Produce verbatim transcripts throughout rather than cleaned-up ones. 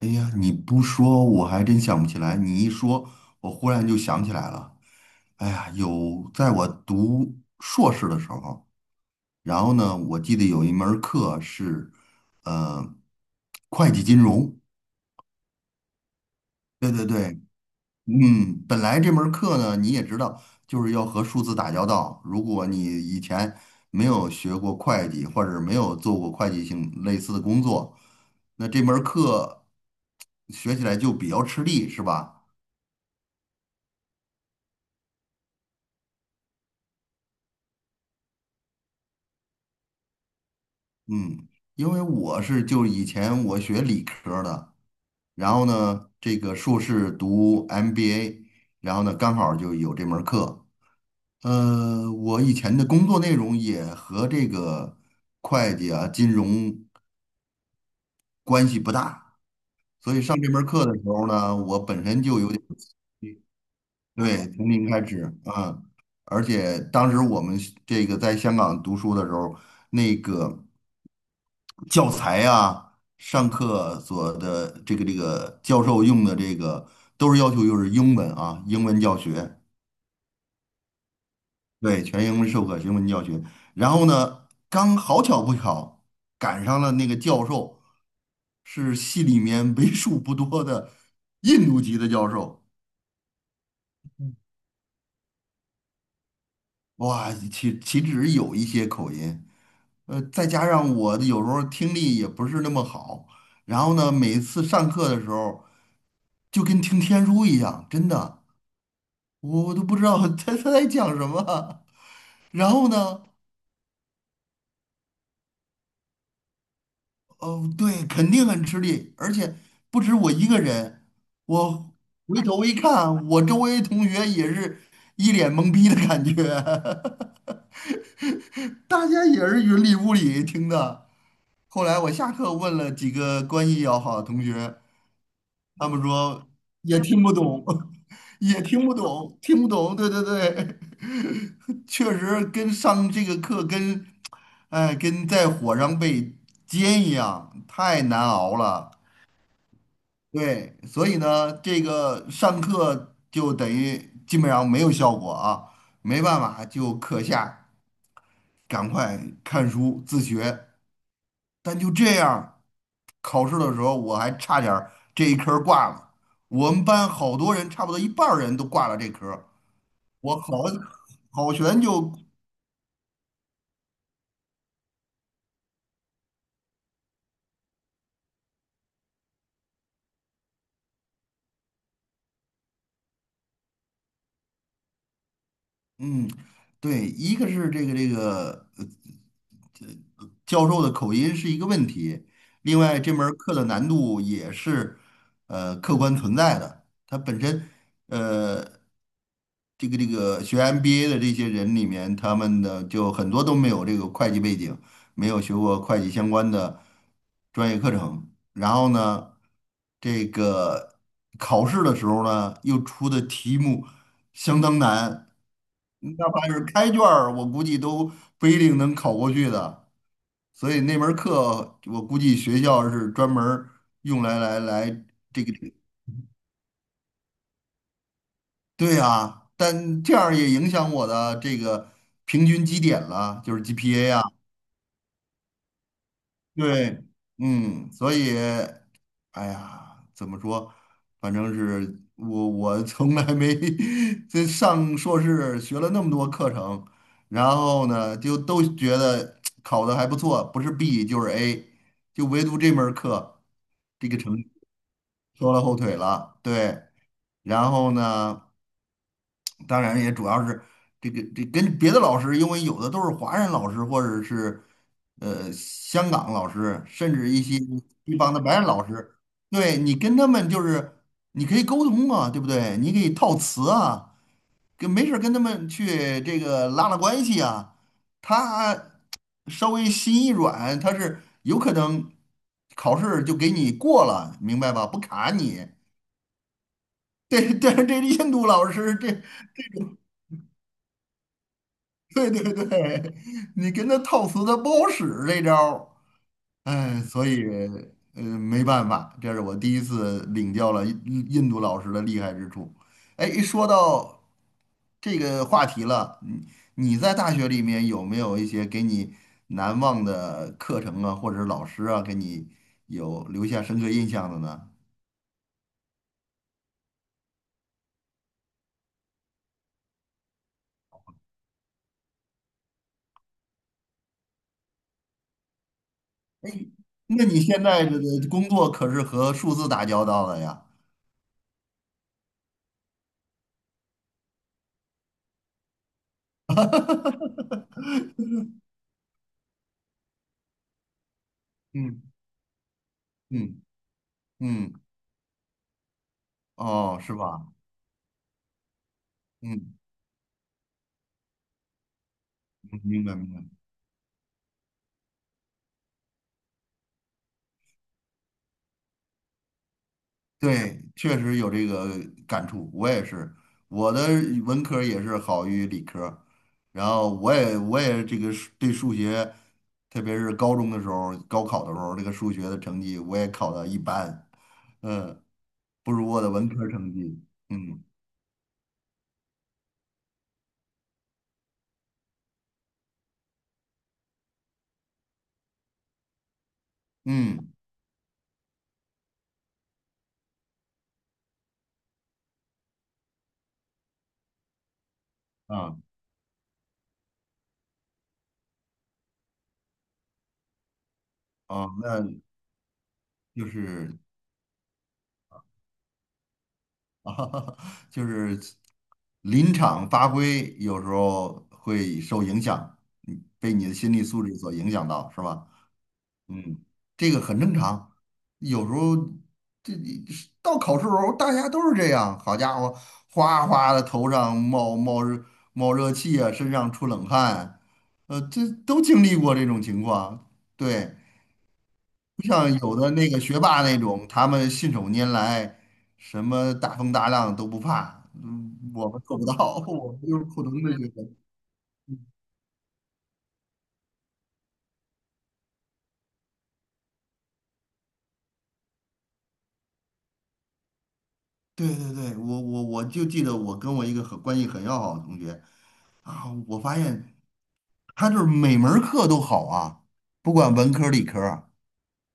哎呀，你不说我还真想不起来，你一说，我忽然就想起来了。哎呀，有在我读硕士的时候，然后呢，我记得有一门儿课是，呃，会计金融。对对对，嗯，本来这门儿课呢，你也知道，就是要和数字打交道。如果你以前没有学过会计，或者没有做过会计性类似的工作，那这门儿课学起来就比较吃力，是吧？嗯，因为我是就以前我学理科儿的，然后呢，这个硕士读 M B A，然后呢，刚好就有这门儿课。呃，我以前的工作内容也和这个会计啊、金融关系不大，所以上这门儿课的时候呢，我本身就有点。对，从零开始，嗯，而且当时我们这个在香港读书的时候，那个教材啊，上课所的这个这个教授用的这个都是要求就是英文啊，英文教学，对，全英文授课，英文教学。然后呢，刚好巧不巧赶上了那个教授是系里面为数不多的印度籍的教授，哇，岂岂止有一些口音。呃，再加上我的有时候听力也不是那么好，然后呢，每次上课的时候就跟听天书一样，真的，我我都不知道 他他在讲什么。然后呢，哦，对，肯定很吃力，而且不止我一个人，我回头一看，我周围同学也是一脸懵逼的感觉，大家也是云里雾里听的。后来我下课问了几个关系要好的同学。他们说也听不懂，也听不懂，听不懂。对对对，确实跟上这个课跟哎跟在火上被煎一样，太难熬了。对，所以呢，这个上课就等于基本上没有效果啊，没办法，就课下赶快看书自学。但就这样，考试的时候我还差点儿这一科儿挂了。我们班好多人，差不多一半儿人都挂了这科儿我好好悬就嗯，对，一个是这个这个呃呃教授的口音是一个问题，另外这门儿课的难度也是呃客观存在的，它本身呃这个这个学 M B A 的这些人里面，他们的就很多都没有这个会计背景，没有学过会计相关的专业课程，然后呢，这个考试的时候呢，又出的题目。相当难，哪怕是开卷儿，我估计都不一定能考过去的。所以那门儿课，我估计学校是专门儿用来来来这个，对啊，但这样儿也影响我的这个平均绩点了，就是 G P A 啊。对，嗯，所以哎呀，怎么说？反正是我，我从来没 这上硕士学了那么多课程，然后呢，就都觉得考的还不错，不是 B 就是 A，就唯独这门儿课这个成绩拖了后腿了。对，然后呢？当然也主要是这个这跟别的老师，因为有的都是华人老师或者是呃香港老师，甚至一些地方的白人老师，对你跟他们就是你可以沟通啊，对不对？你可以套词啊，跟没事儿跟他们去这个拉拉关系啊。他稍微心一软，他是有可能考试就给你过了，明白吧？不卡你。对，但是这印度老师这对对对，你跟他套词他不好使这招儿，哎，所以呃没办法，这是我第一次领教了印印度老师的厉害之处。哎，一说到这个话题了，你你在大学里面有没有一些给你难忘的课程啊，或者是老师啊，给你有留下深刻印象的呢？哎，那你现在这个工作可是和数字打交道的呀？嗯嗯嗯。哦，是吧？嗯，明白明白。对，确实有这个感触，我也是，我的文科儿也是好于理科儿然后我也我也这个数对数学，特别是高中的时候，高考的时候，这个数学的成绩我也考的一般，嗯，不如我的文科儿成绩，嗯嗯啊啊，那就是 啊就是。临场发挥有时候会受影响，嗯被你的心理素质所影响到，是吧？嗯，这个很正常。有时候这这到考试时候，大家都是这样。好家伙，哗哗的头上冒冒热冒热气啊，身上出冷汗，呃，这都经历过这种情况。对，不像有的那个学霸那种，他们信手拈来，什么大风大浪都不怕。嗯，我们做不到，我们就是普通的学生。对对对，我我我就记得我跟我一个很关系很要好的同学啊，我发现他就是每门儿课都好啊，不管文科儿理科儿啊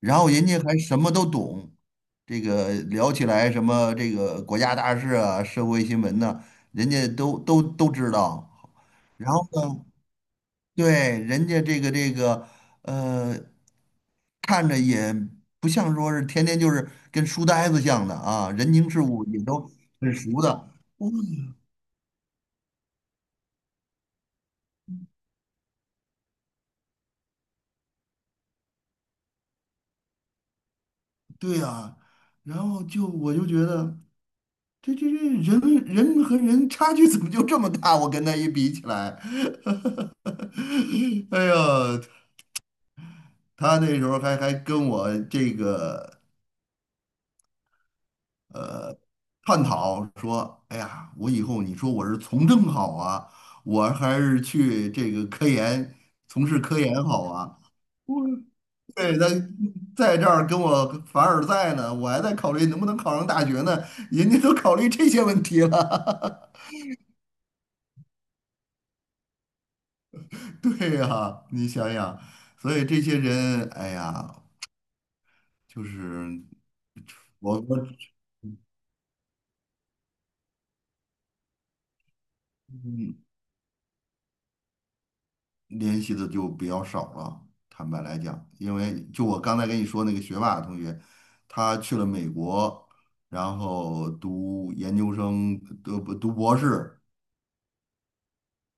然后人家还什么都懂，这个聊起来什么这个国家大事啊、社会新闻呐、人家都都都知道。然后呢，对，人家这个这个，呃，看着也不像说是天天就是跟书呆子像的啊，人情世故也都很熟的。哦，对呀，然后就我就觉得这这这人人和人差距怎么就这么大？我跟他一比起来，哎呀，他那时候还还跟我这个。探讨说，哎呀，我以后你说我是从政好啊，我还是去这个科研，从事科研好啊？我对，他在这儿跟我凡尔赛呢，我还在考虑能不能考上大学呢，人家都考虑这些问题了。对呀，你想想，所以这些人，哎呀，就是我我。联系的就比较少了。坦白来讲，因为就我刚才跟你说那个学霸同学，他去了美国，然后读研究生，读读博士。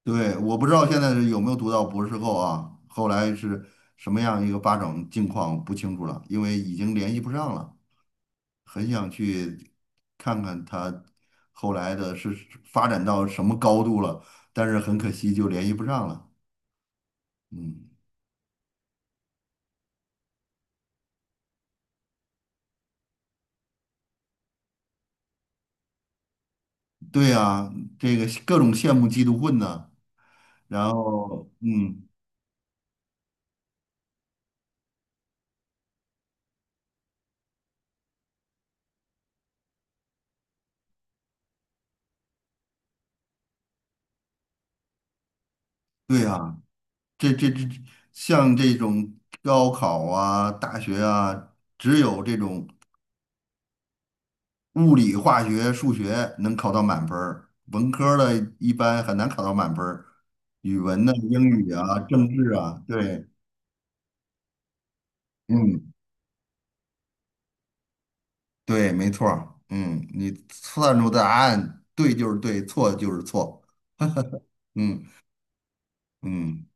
对，我不知道现在是有没有读到博士后啊，后来是什么样一个发展境况不清楚了，因为已经联系不上了。很想去看看他后来的是发展到什么高度了，但是很可惜就联系不上了。嗯。对呀，这个各种羡慕嫉妒恨呐，然后嗯，对呀，这这这像这种高考啊、大学啊，只有这种物理、化学、数学能考到满分儿，文科儿的一般很难考到满分儿。语文呢、英语啊、政治啊，对，嗯，对，没错儿，嗯，你算出答案对就是对，错就是错，嗯嗯，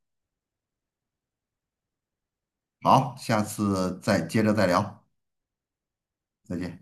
好，下次再接着再聊，再见。